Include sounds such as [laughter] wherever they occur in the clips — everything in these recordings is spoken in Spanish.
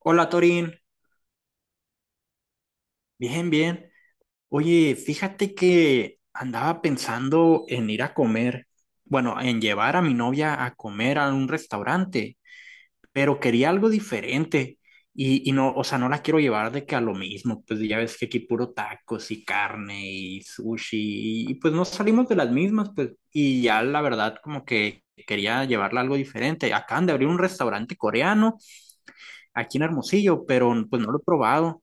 Hola Torín, bien, bien. Oye, fíjate que andaba pensando en ir a comer, bueno, en llevar a mi novia a comer a un restaurante, pero quería algo diferente y no, o sea, no la quiero llevar de que a lo mismo, pues ya ves que aquí puro tacos y carne y sushi y pues no salimos de las mismas, pues y ya la verdad como que quería llevarla a algo diferente. Acaban de abrir un restaurante coreano aquí en Hermosillo, pero pues no lo he probado.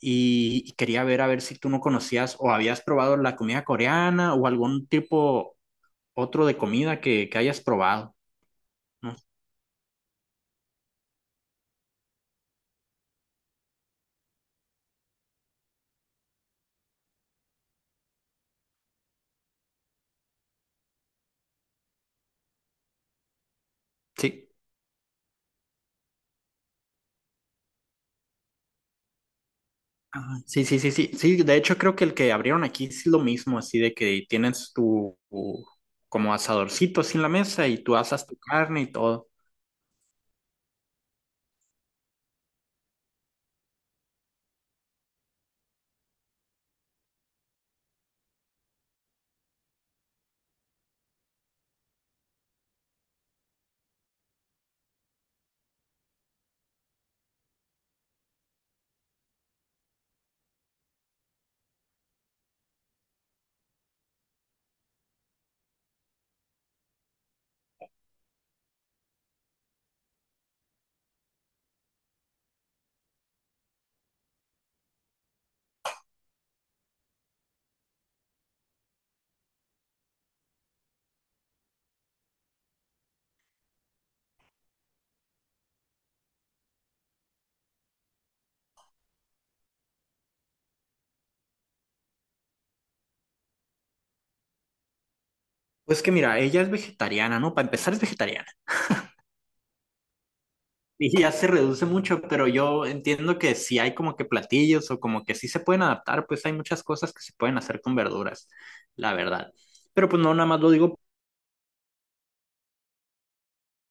Y quería ver a ver si tú no conocías o habías probado la comida coreana o algún tipo otro de comida que hayas probado, ¿no? Sí. Ajá, sí, sí, sí, sí, sí, de hecho creo que el que abrieron aquí es lo mismo, así de que tienes tu como asadorcito así en la mesa y tú asas tu carne y todo. Pues que mira, ella es vegetariana, ¿no? Para empezar es vegetariana. Y ya se reduce mucho, pero yo entiendo que si hay como que platillos o como que sí se pueden adaptar, pues hay muchas cosas que se pueden hacer con verduras, la verdad. Pero pues no, nada más lo digo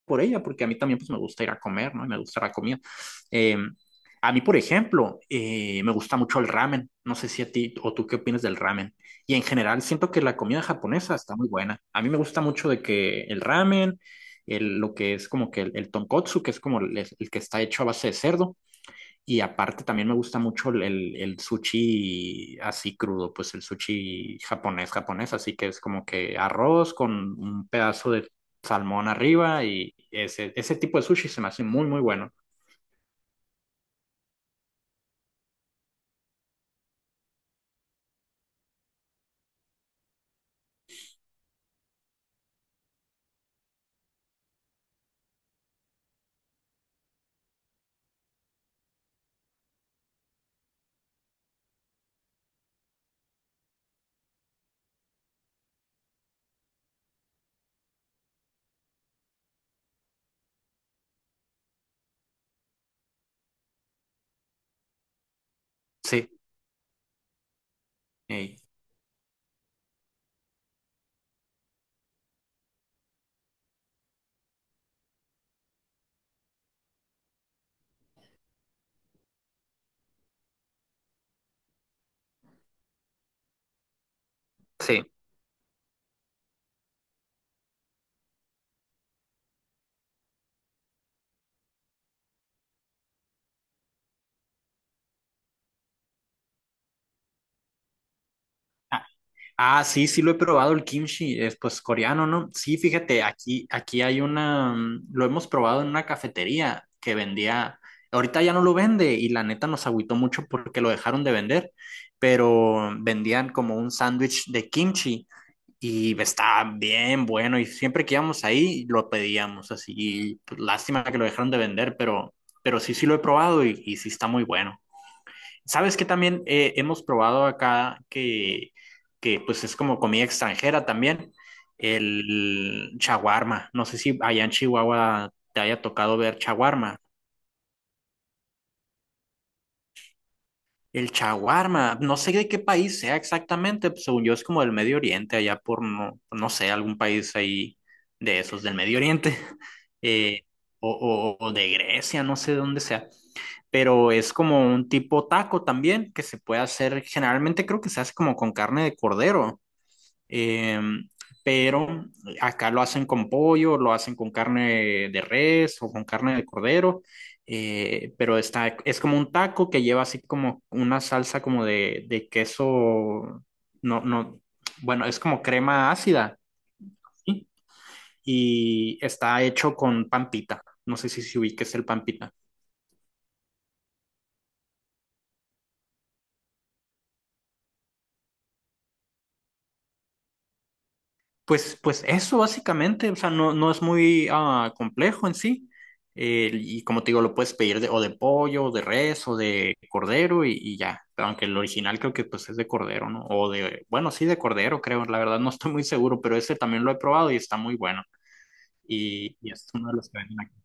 por ella, porque a mí también pues me gusta ir a comer, ¿no? Y me gusta la comida. Eh, a mí, por ejemplo, me gusta mucho el ramen. No sé si a ti o tú qué opinas del ramen. Y en general siento que la comida japonesa está muy buena. A mí me gusta mucho de que el ramen, lo que es como que el tonkotsu, que es como el que está hecho a base de cerdo. Y aparte también me gusta mucho el sushi así crudo, pues el sushi japonés, japonés, así que es como que arroz con un pedazo de salmón arriba y ese tipo de sushi se me hace muy, muy bueno. Sí, ey. Sí. Ah, sí, sí lo he probado el kimchi, es pues coreano, ¿no? Sí, fíjate, aquí hay una, lo hemos probado en una cafetería que vendía, ahorita ya no lo vende y la neta nos agüitó mucho porque lo dejaron de vender, pero vendían como un sándwich de kimchi y estaba bien bueno y siempre que íbamos ahí lo pedíamos así, y pues lástima que lo dejaron de vender, pero sí, sí lo he probado y sí está muy bueno. Sabes que también hemos probado acá que pues es como comida extranjera también, el chaguarma. No sé si allá en Chihuahua te haya tocado ver chaguarma. El chaguarma, no sé de qué país sea exactamente, pues, según yo es como del Medio Oriente, allá por no sé, algún país ahí de esos del Medio Oriente, [laughs] eh, o, o de Grecia, no sé de dónde sea, pero es como un tipo taco también que se puede hacer, generalmente creo que se hace como con carne de cordero. Eh, pero acá lo hacen con pollo, lo hacen con carne de res o con carne de cordero, pero está, es como un taco que lleva así como una salsa como de queso, no, no, bueno, es como crema ácida, ¿sí? Y está hecho con pampita, no sé si se ubique el pampita. Pues, pues eso básicamente, o sea, no, no es muy complejo en sí. Y como te digo, lo puedes pedir de, o de pollo, o de res, o de cordero y ya. Pero aunque el original creo que pues es de cordero, ¿no? O de, bueno, sí de cordero, creo. La verdad no estoy muy seguro, pero ese también lo he probado y está muy bueno. Y es uno de los que venden aquí.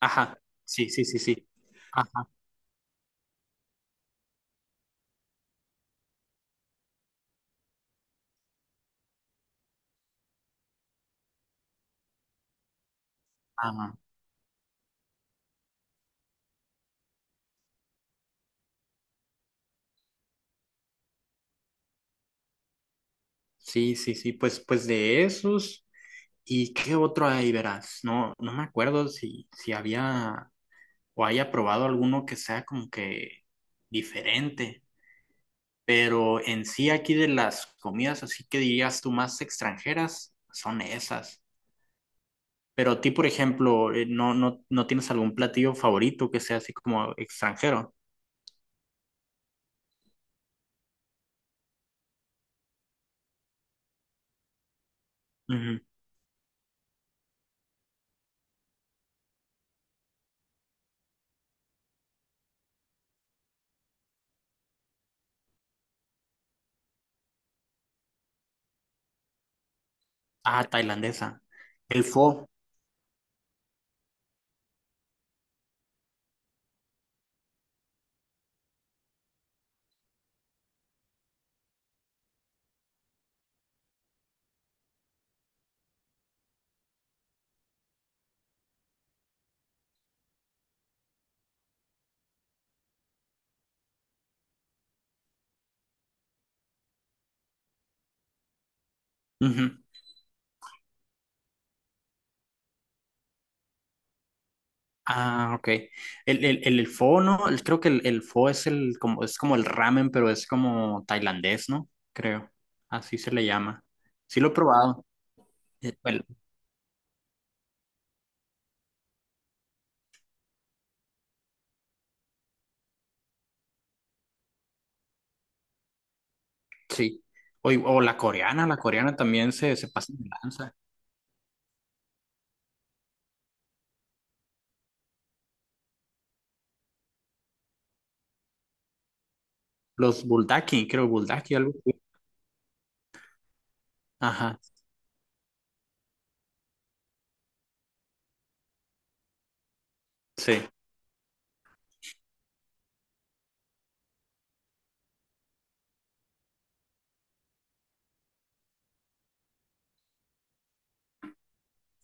Ajá, sí, sí, sí, sí. Ajá, ajá. Sí, sí, sí, pues, pues de esos. ¿Y qué otro hay, verás? No, no me acuerdo si, si había o haya probado alguno que sea como que diferente. Pero en sí aquí de las comidas, así que dirías tú más extranjeras, son esas. Pero a ti, por ejemplo, no, no, no tienes algún platillo favorito que sea así como extranjero. Ujú. Ah, tailandesa. El pho. Ujú. Ah, ok. El pho, ¿no? Creo que el pho es el como es como el ramen, pero es como tailandés, ¿no? Creo. Así se le llama. Sí lo he probado. Eh, El, Sí. O la coreana también se pasa de lanza. Los buldaki, creo, buldaki, algo así. Ajá, sí.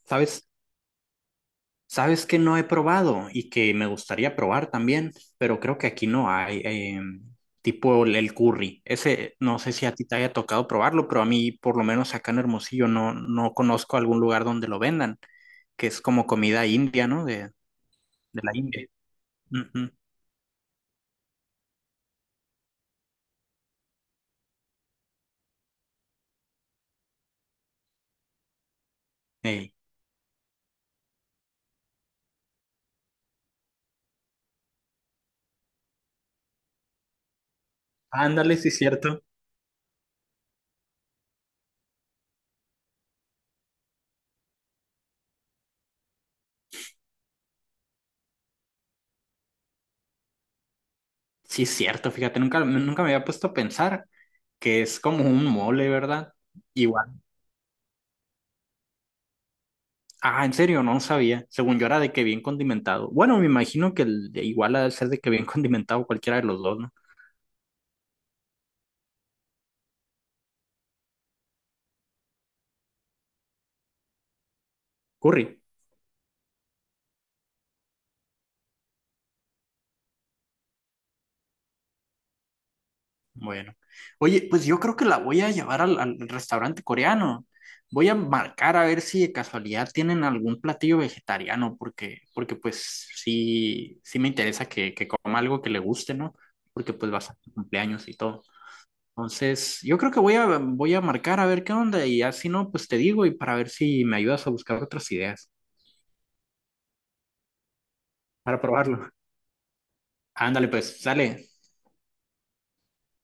¿Sabes? ¿Sabes que no he probado y que me gustaría probar también? Pero creo que aquí no hay, tipo el curry. Ese, no sé si a ti te haya tocado probarlo, pero a mí, por lo menos acá en Hermosillo, no, no conozco algún lugar donde lo vendan, que es como comida india, ¿no? De la India. Ujú. Ey. Ándale, sí, es cierto. Sí, es cierto, fíjate, nunca, nunca me había puesto a pensar que es como un mole, ¿verdad? Igual. Ah, en serio, no sabía. Según yo era de que bien condimentado. Bueno, me imagino que igual ha de ser de que bien [laughs] condimentado cualquiera de los dos, ¿no? Curry. Bueno. Oye, pues yo creo que la voy a llevar al restaurante coreano. Voy a marcar a ver si de casualidad tienen algún platillo vegetariano, porque pues sí, sí me interesa que coma algo que le guste, ¿no? Porque pues va a ser su cumpleaños y todo. Entonces, yo creo que voy a marcar a ver qué onda y así no, pues te digo y para ver si me ayudas a buscar otras ideas para probarlo. Ándale, pues, sale.